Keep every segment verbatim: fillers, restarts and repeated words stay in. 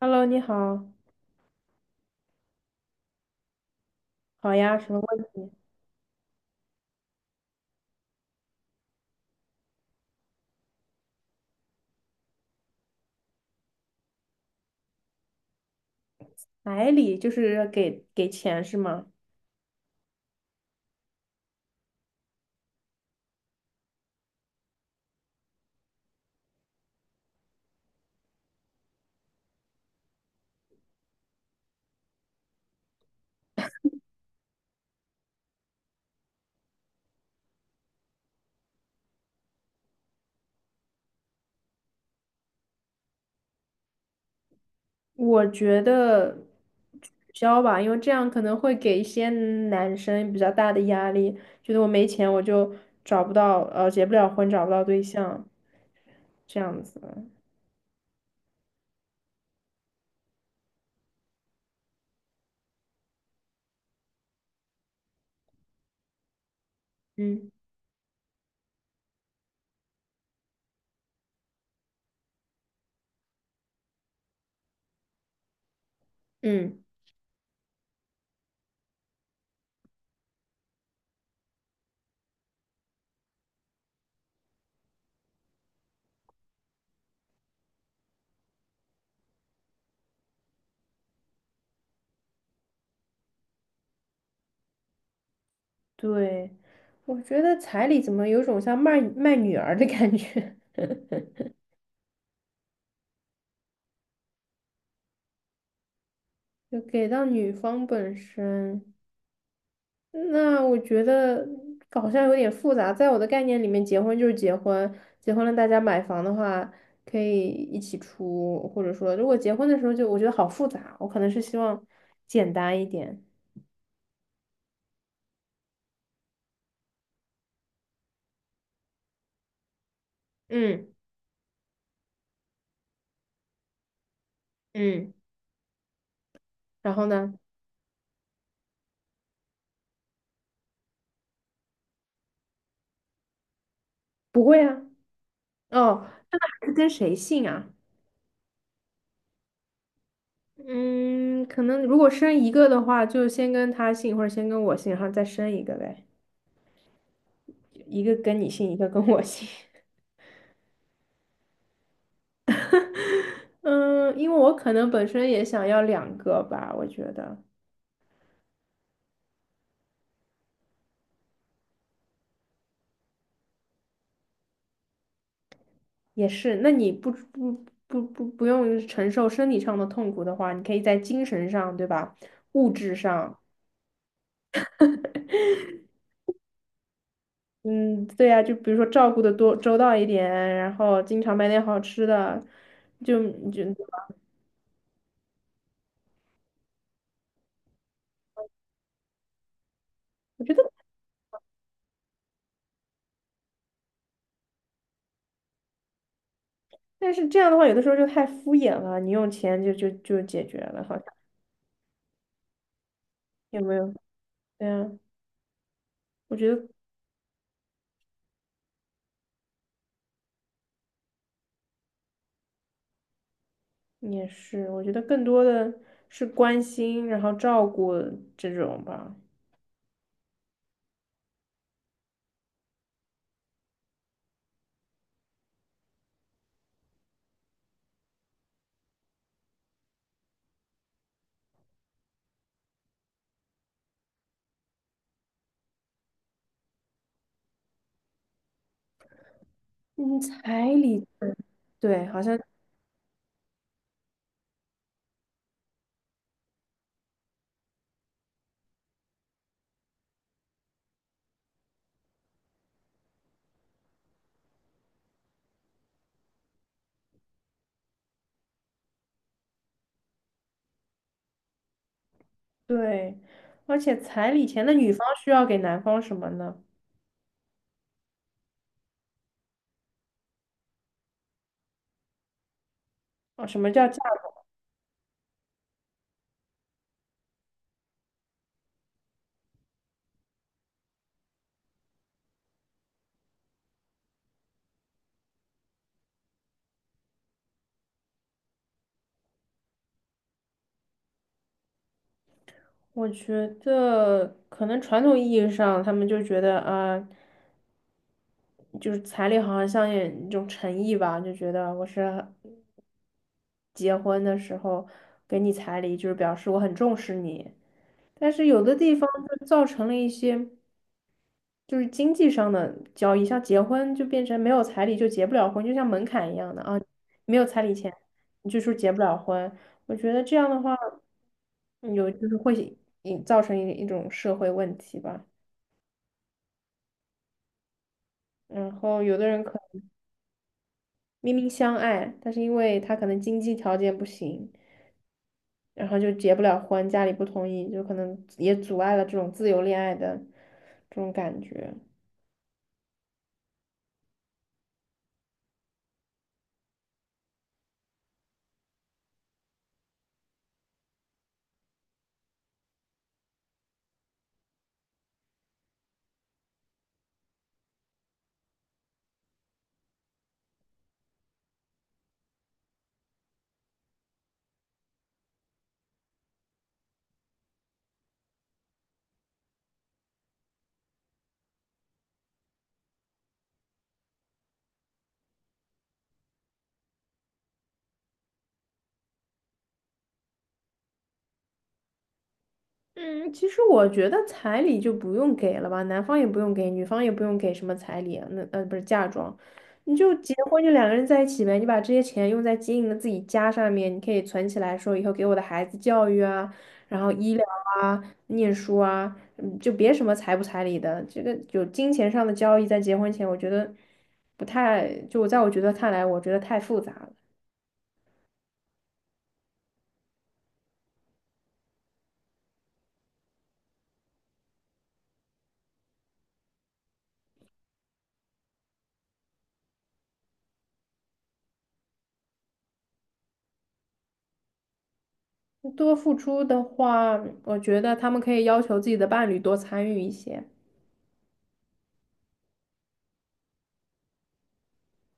Hello，你好，好呀，什么问题？彩礼就是给给钱是吗？我觉得取消吧，因为这样可能会给一些男生比较大的压力，觉得我没钱我就找不到，呃，结不了婚，找不到对象，这样子。嗯嗯，对，我觉得彩礼怎么有种像卖卖女儿的感觉，就给到女方本身。那我觉得好像有点复杂，在我的概念里面，结婚就是结婚，结婚了大家买房的话可以一起出，或者说如果结婚的时候就我觉得好复杂，我可能是希望简单一点。嗯嗯，然后呢？不会啊，哦，是跟谁姓啊？嗯，可能如果生一个的话，就先跟他姓，或者先跟我姓，然后再生一个呗，一个跟你姓，一个跟我姓。嗯，因为我可能本身也想要两个吧，我觉得。也是，那你不不不不不用承受生理上的痛苦的话，你可以在精神上，对吧？物质上，嗯，对呀，就比如说照顾的多周到一点，然后经常买点好吃的，就就我觉得，但是这样的话，有的时候就太敷衍了，你用钱就就就解决了，好像有没有？对啊，我觉得也是，我觉得更多的是关心，然后照顾这种吧，嗯，彩礼。对，好像。对，而且彩礼钱的女方需要给男方什么呢？啊，什么叫嫁妆？我觉得可能传统意义上，他们就觉得啊、就是彩礼好像像一种诚意吧，就觉得我是结婚的时候给你彩礼，就是表示我很重视你。但是有的地方就造成了一些。就是经济上的交易，像结婚就变成没有彩礼就结不了婚，就像门槛一样的啊，没有彩礼钱，你就说结不了婚。我觉得这样的话，嗯有就是会引造成一一种社会问题吧。然后有的人可能明明相爱，但是因为他可能经济条件不行，然后就结不了婚，家里不同意，就可能也阻碍了这种自由恋爱的这种感觉。嗯，其实我觉得彩礼就不用给了吧，男方也不用给，女方也不用给什么彩礼啊那呃不是嫁妆，你就结婚就两个人在一起呗，你把这些钱用在经营的自己家上面，你可以存起来说以后给我的孩子教育啊，然后医疗啊、念书啊，嗯，就别什么彩不彩礼的，这个有金钱上的交易在结婚前，我觉得不太，就我在我觉得看来，我觉得太复杂了。多付出的话，我觉得他们可以要求自己的伴侣多参与一些。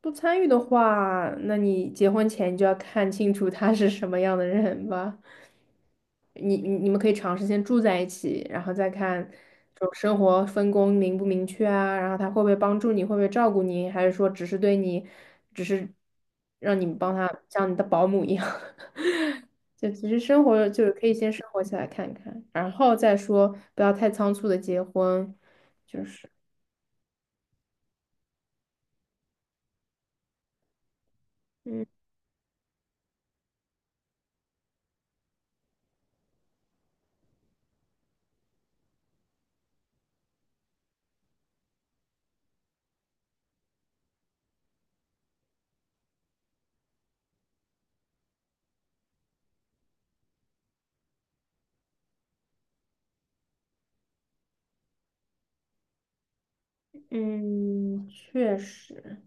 不参与的话，那你结婚前就要看清楚他是什么样的人吧。你你你们可以尝试先住在一起，然后再看这种生活分工明不明确啊，然后他会不会帮助你，会不会照顾你，还是说只是对你，只是让你们帮他像你的保姆一样。就其实生活就是可以先生活起来看看，然后再说不要太仓促的结婚，就是嗯嗯，确实。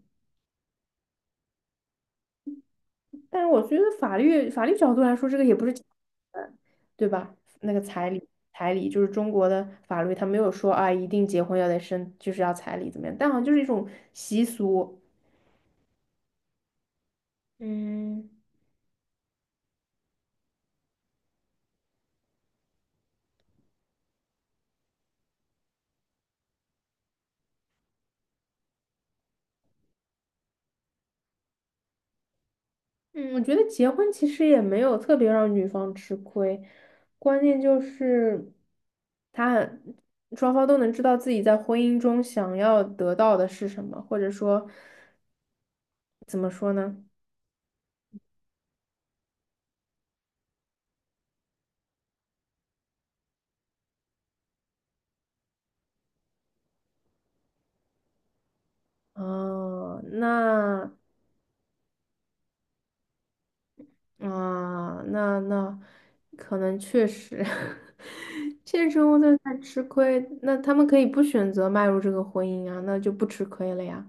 但是我觉得法律法律角度来说，这个也不是强制对吧？那个彩礼，彩礼就是中国的法律，它没有说啊，一定结婚要得生，就是要彩礼怎么样？但好像就是一种习俗。嗯嗯，我觉得结婚其实也没有特别让女方吃亏，关键就是他双方都能知道自己在婚姻中想要得到的是什么，或者说怎么说呢？哦，那。啊，那那可能确实，现实生活中在吃亏。那他们可以不选择迈入这个婚姻啊，那就不吃亏了呀。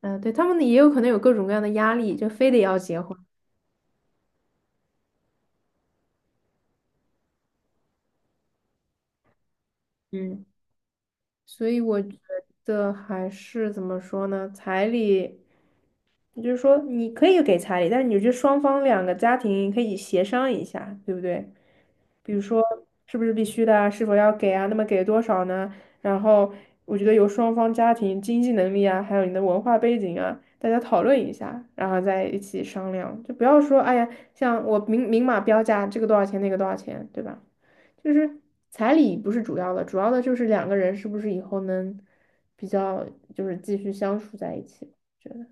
嗯、对，他们也有可能有各种各样的压力，就非得要结婚。嗯，所以我觉得还是怎么说呢？彩礼，就是说你可以给彩礼，但是你就双方两个家庭可以协商一下，对不对？比如说是不是必须的啊，是否要给啊，那么给多少呢？然后我觉得由双方家庭经济能力啊，还有你的文化背景啊，大家讨论一下，然后再一起商量，就不要说哎呀，像我明明码标价，这个多少钱，那个多少钱，对吧？就是彩礼不是主要的，主要的就是两个人是不是以后能比较就是继续相处在一起，觉得。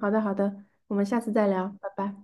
好的，好的，我们下次再聊，拜拜。